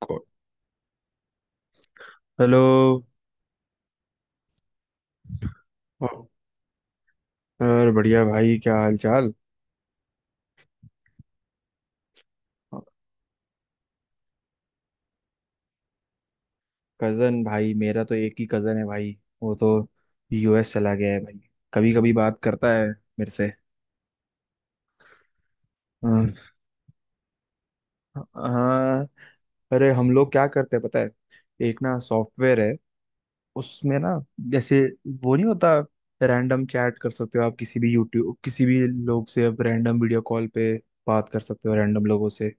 को- हेलो। और बढ़िया भाई, क्या हाल चाल। कजन भाई, मेरा तो एक ही कजन है भाई। वो तो यूएस चला गया है भाई। कभी कभी बात करता है मेरे से। हाँ। हाँ, अरे हम लोग क्या करते हैं पता है। एक ना सॉफ्टवेयर है। उसमें ना, जैसे, वो नहीं होता, रैंडम चैट कर सकते हो आप किसी भी यूट्यूब, किसी भी लोग से। आप रैंडम वीडियो कॉल पे बात कर सकते हो रैंडम लोगों से।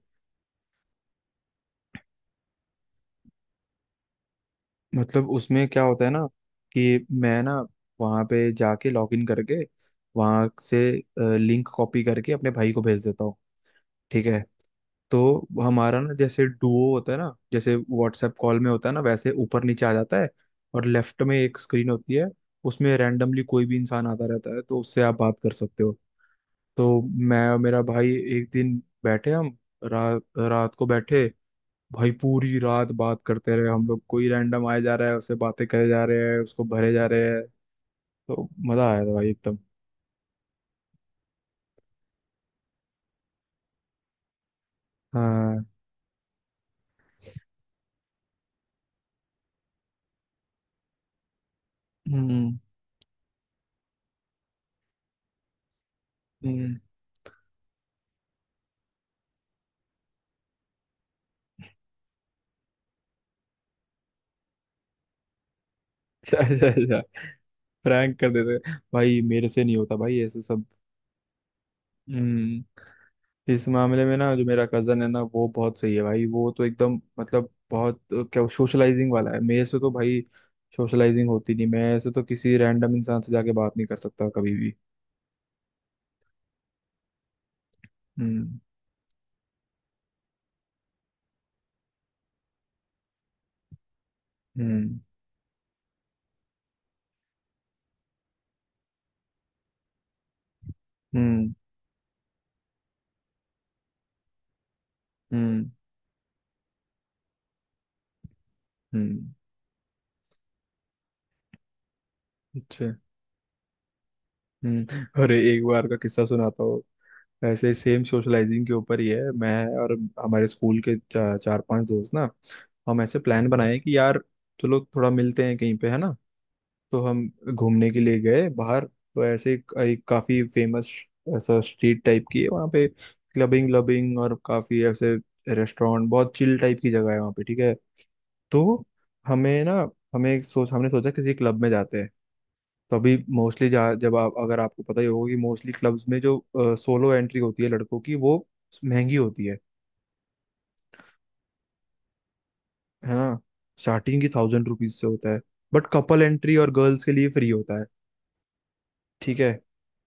मतलब उसमें क्या होता है ना, कि मैं ना, वहाँ पे जाके लॉग इन करके, वहाँ से लिंक कॉपी करके अपने भाई को भेज देता हूँ। ठीक है। तो हमारा ना, जैसे डुओ होता है ना, जैसे व्हाट्सएप कॉल में होता है ना, वैसे ऊपर नीचे आ जाता है। और लेफ्ट में एक स्क्रीन होती है। उसमें रैंडमली कोई भी इंसान आता रहता है, तो उससे आप बात कर सकते हो। तो मैं और मेरा भाई एक दिन बैठे, हम रा, रात को बैठे भाई, पूरी रात बात करते रहे। हम लोग, कोई रैंडम आया जा रहा है उससे बातें करे जा रहे हैं, उसको भरे जा रहे हैं। तो मजा आया था भाई, एकदम। हाँ। हम्म। हम्म। अच्छा, अच्छा, अच्छा। प्रैंक कर देते हैं। भाई, मेरे से नहीं होता भाई ऐसे सब। हम्म। इस मामले में ना, जो मेरा कजन है ना, वो बहुत सही है भाई। वो तो एकदम, मतलब बहुत क्या सोशलाइजिंग वाला है, मेरे से तो भाई सोशलाइजिंग होती नहीं। मैं ऐसे तो किसी रैंडम इंसान से जाके बात नहीं कर सकता कभी भी। हम्म। हम्म। हम्म। हम्म। हम्म। अच्छा। हम्म। अरे, एक बार का किस्सा सुनाता हूँ। ऐसे सेम सोशलाइजिंग के ऊपर ही है। मैं और हमारे स्कूल के चार पांच दोस्त ना, हम ऐसे प्लान बनाए कि यार चलो थोड़ा मिलते हैं कहीं पे, है ना। तो हम घूमने के लिए गए बाहर। तो ऐसे एक काफी फेमस ऐसा स्ट्रीट टाइप की है वहाँ पे, क्लबिंग क्लबिंग और काफी ऐसे रेस्टोरेंट, बहुत चिल टाइप की जगह है वहाँ पे। ठीक है। तो हमें ना, हमें एक सोच, हमने सोचा किसी क्लब में जाते हैं। तो अभी मोस्टली, जब आप, अगर आपको पता ही होगा, कि मोस्टली क्लब्स में जो सोलो एंट्री होती है लड़कों की, वो महंगी होती है ना। स्टार्टिंग की 1,000 रुपीज से होता है। बट कपल एंट्री, और गर्ल्स के लिए फ्री होता है। ठीक है।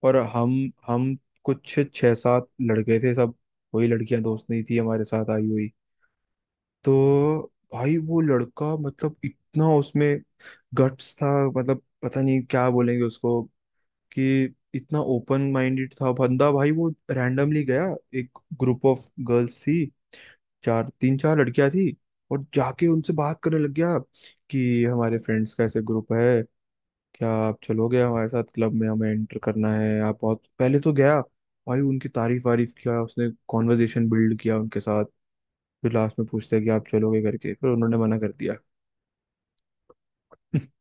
और हम कुछ छः सात लड़के थे सब। वही लड़कियां दोस्त नहीं थी हमारे साथ आई हुई। तो भाई, वो लड़का, मतलब इतना उसमें गट्स था, मतलब पता नहीं क्या बोलेंगे उसको, कि इतना ओपन माइंडेड था बंदा। भाई वो रैंडमली गया, एक ग्रुप ऑफ गर्ल्स थी, चार, तीन चार लड़कियां थी। और जाके उनसे बात करने लग गया, कि हमारे फ्रेंड्स का ऐसे ग्रुप है, क्या आप चलोगे हमारे साथ क्लब में, हमें एंटर करना है आप। बहुत पहले तो गया भाई, उनकी तारीफ वारीफ किया उसने, कॉन्वर्जेशन बिल्ड किया उनके साथ। फिर लास्ट में पूछते हैं कि आप चलोगे करके, फिर उन्होंने मना कर दिया।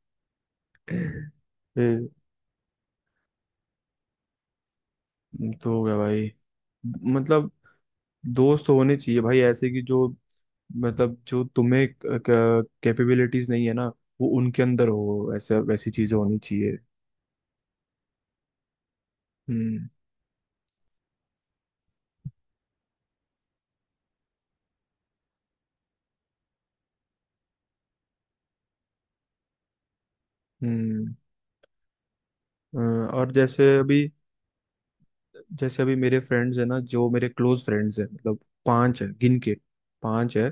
फिर तो हो गया भाई। मतलब दोस्त होने चाहिए भाई ऐसे, कि जो, मतलब जो तुम्हें कैपेबिलिटीज नहीं है ना, वो उनके अंदर हो, ऐसा, वैसी चीजें होनी चाहिए। हम्म। हम्म। अ, और जैसे अभी मेरे फ्रेंड्स है ना, जो मेरे क्लोज फ्रेंड्स हैं, मतलब, पांच है गिन के, पांच है।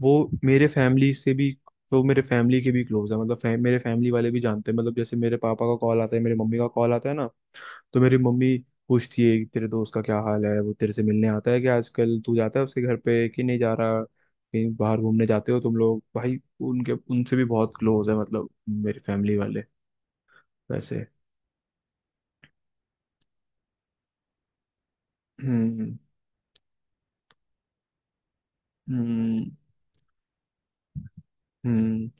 वो मेरे फैमिली से भी वो मेरे फैमिली के भी क्लोज है, मतलब मेरे फैमिली वाले भी जानते हैं। मतलब जैसे मेरे पापा का कॉल आता है, मेरे मम्मी का कॉल आता है ना, तो मेरी मम्मी पूछती है कि तेरे दोस्त का क्या हाल है, वो तेरे से मिलने आता है क्या आजकल, तू जाता है उसके घर पे कि नहीं, जा रहा कहीं बाहर घूमने जाते हो तुम लोग भाई। उनके, उनसे भी बहुत क्लोज है, मतलब मेरी फैमिली वाले, वैसे। हम्म। हम्म। हम्म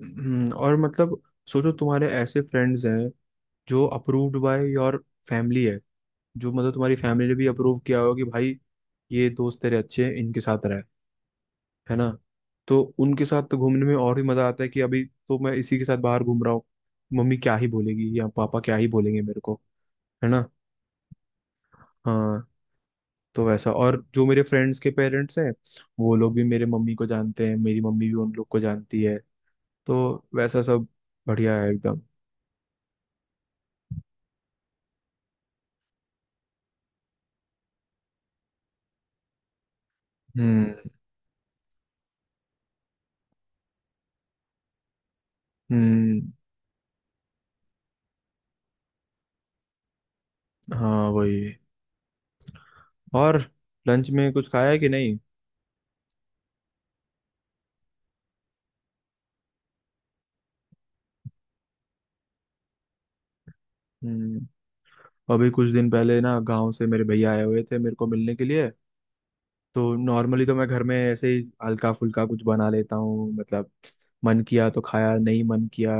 और मतलब सोचो तुम्हारे ऐसे फ्रेंड्स हैं जो अप्रूव्ड बाय योर फैमिली है जो मतलब तुम्हारी फैमिली ने भी अप्रूव किया हो कि भाई ये दोस्त तेरे अच्छे हैं इनके साथ रह है ना तो उनके साथ तो घूमने में और भी मजा आता है कि अभी तो मैं इसी के साथ बाहर घूम रहा हूँ मम्मी क्या ही बोलेगी या पापा क्या ही बोलेंगे मेरे को है ना हाँ तो वैसा और जो मेरे फ्रेंड्स के पेरेंट्स हैं वो लोग भी मेरे मम्मी को जानते हैं मेरी मम्मी भी उन लोग को जानती है तो वैसा सब बढ़िया है एकदम हम्म। हम्म। हाँ, वही। और लंच में कुछ खाया है कि नहीं। हम्म। अभी कुछ दिन पहले ना, गांव से मेरे भैया आए हुए थे मेरे को मिलने के लिए। तो नॉर्मली तो मैं घर में ऐसे ही हल्का फुल्का कुछ बना लेता हूँ, मतलब मन किया तो खाया, नहीं मन किया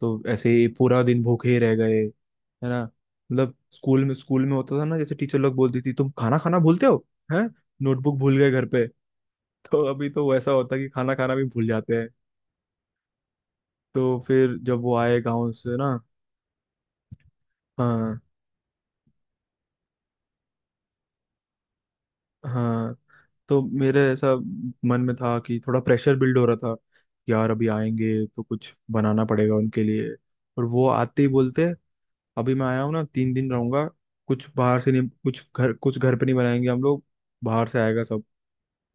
तो ऐसे ही पूरा दिन भूखे ही रह गए, है ना। मतलब स्कूल में होता था ना, जैसे टीचर लोग बोलती थी, तुम खाना खाना भूलते हो, हैं, नोटबुक भूल गए घर पे। तो अभी तो वैसा होता है कि खाना खाना भी भूल जाते हैं। तो फिर जब वो आए गाँव से ना, हाँ, हाँ, तो मेरे ऐसा मन में था कि थोड़ा प्रेशर बिल्ड हो रहा था, कि यार अभी आएंगे तो कुछ बनाना पड़ेगा उनके लिए। और वो आते ही बोलते, अभी मैं आया हूँ ना, 3 दिन रहूंगा, कुछ बाहर से नहीं, कुछ घर पे नहीं बनाएंगे हम लोग, बाहर से आएगा सब।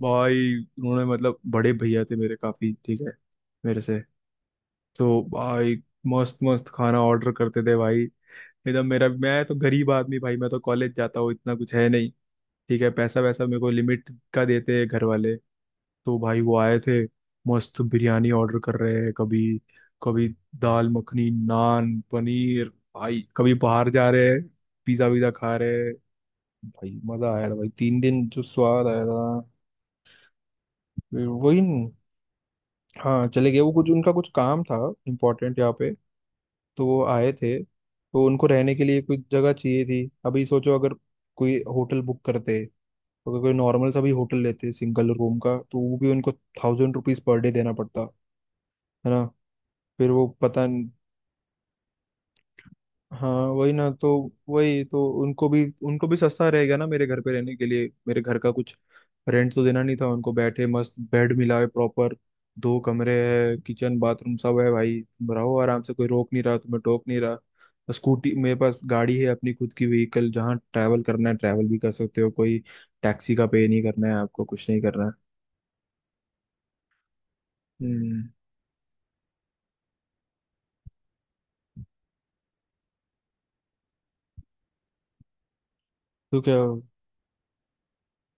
भाई उन्होंने, मतलब बड़े भैया थे मेरे, काफी ठीक है मेरे से। तो भाई मस्त मस्त खाना ऑर्डर करते थे भाई, एकदम। मेरा, मैं तो गरीब आदमी भाई, मैं तो कॉलेज जाता हूँ, इतना कुछ है नहीं, ठीक है, पैसा वैसा मेरे को लिमिट का देते हैं घर वाले। तो भाई वो आए थे, मस्त बिरयानी ऑर्डर कर रहे हैं कभी, कभी दाल मखनी, नान, पनीर, भाई कभी बाहर जा रहे हैं, पिज्जा विज़ा खा रहे हैं भाई, मजा आया था भाई, 3 दिन जो स्वाद आया था। फिर वही। हाँ, चले गए वो, कुछ उनका कुछ काम था इम्पोर्टेंट यहाँ पे। तो वो आए थे, तो उनको रहने के लिए कोई जगह चाहिए थी, अभी सोचो, अगर कोई होटल बुक करते, अगर कोई नॉर्मल सा भी होटल लेते सिंगल रूम का, तो वो भी उनको 1,000 रुपीज पर डे देना पड़ता, है ना। फिर वो पता। हाँ वही ना, तो वही, तो उनको भी, उनको भी सस्ता रहेगा ना मेरे घर पे रहने के लिए, मेरे घर का कुछ रेंट तो देना नहीं था उनको, बैठे मस्त बेड मिला है प्रॉपर, दो कमरे है, किचन बाथरूम सब है भाई, तुम रहो आराम से, कोई रोक नहीं रहा तुम्हें, टोक नहीं रहा, स्कूटी मेरे पास गाड़ी है अपनी, खुद की व्हीकल, जहाँ ट्रैवल करना है ट्रैवल भी कर सकते हो, कोई टैक्सी का पे नहीं करना है आपको, कुछ नहीं करना है। हम्म। तो क्या।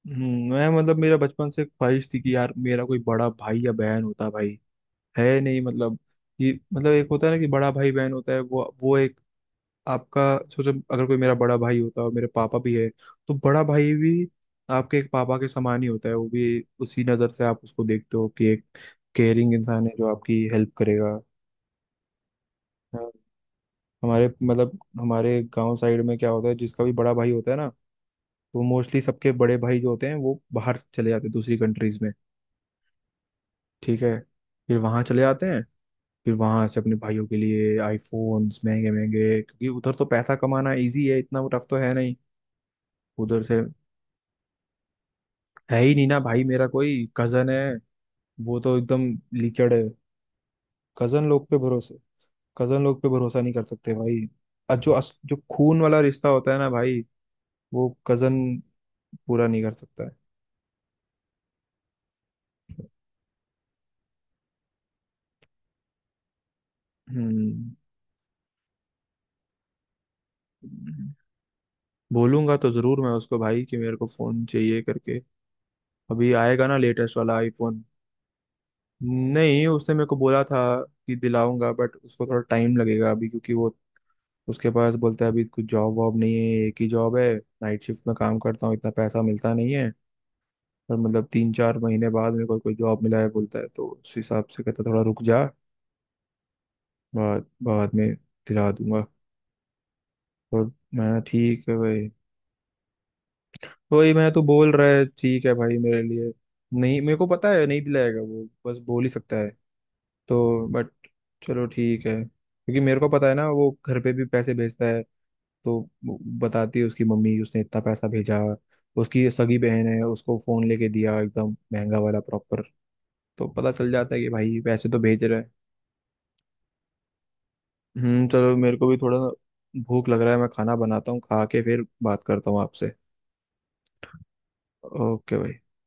मैं, मतलब मेरा बचपन से ख्वाहिश थी कि यार, मेरा कोई बड़ा भाई या बहन होता भाई, है नहीं। मतलब ये, मतलब एक होता है ना, कि बड़ा भाई बहन होता है, वो एक आपका, सोचो अगर कोई मेरा बड़ा भाई होता है, और मेरे पापा भी है, तो बड़ा भाई भी आपके एक पापा के समान ही होता है। वो भी उसी नज़र से आप उसको देखते हो, कि एक केयरिंग इंसान है, जो आपकी हेल्प करेगा। हाँ, हमारे, मतलब हमारे गांव साइड में क्या होता है, जिसका भी बड़ा भाई होता है ना, तो मोस्टली सबके बड़े भाई जो होते हैं, वो बाहर चले जाते हैं दूसरी कंट्रीज में, ठीक है, फिर वहां चले जाते हैं, फिर वहां से अपने भाइयों के लिए आईफोन्स महंगे महंगे, क्योंकि उधर तो पैसा कमाना इजी है, इतना वो टफ तो है नहीं उधर से। है ही नहीं ना भाई मेरा कोई कजन। है वो तो एकदम लिकड़। है कजन लोग पे भरोसे कजन लोग पे भरोसा नहीं कर सकते भाई। और जो जो खून वाला रिश्ता होता है ना भाई, वो कजन पूरा नहीं कर सकता है। हम्म। बोलूंगा तो जरूर मैं उसको भाई, कि मेरे को फोन चाहिए करके, अभी आएगा ना लेटेस्ट वाला आईफोन। नहीं, उसने मेरे को बोला था कि दिलाऊंगा, बट उसको थोड़ा टाइम लगेगा अभी, क्योंकि वो, उसके पास बोलता है अभी कुछ जॉब वॉब नहीं है, एक ही जॉब है, नाइट शिफ्ट में काम करता हूँ, इतना पैसा मिलता नहीं है। और मतलब 3-4 महीने बाद मेरे को कोई जॉब मिला है बोलता है, तो उस हिसाब से कहता थोड़ा रुक जा, बाद बाद में दिला दूंगा। और मैं ठीक है भाई। वही मैं तो बोल रहा है ठीक है भाई मेरे लिए। नहीं, मेरे को पता है नहीं दिलाएगा वो, बस बोल ही सकता है तो, बट चलो ठीक है, क्योंकि मेरे को पता है ना वो घर पे भी पैसे भेजता है। तो वो बताती है उसकी मम्मी, उसने इतना पैसा भेजा, उसकी सगी बहन है उसको फोन लेके दिया एकदम महंगा वाला प्रॉपर, तो पता चल जाता है कि भाई पैसे तो भेज रहा है। हम्म। चलो, मेरे को भी थोड़ा भूख लग रहा है, मैं खाना बनाता हूँ, खा के फिर बात करता हूँ आपसे। ओके भाई।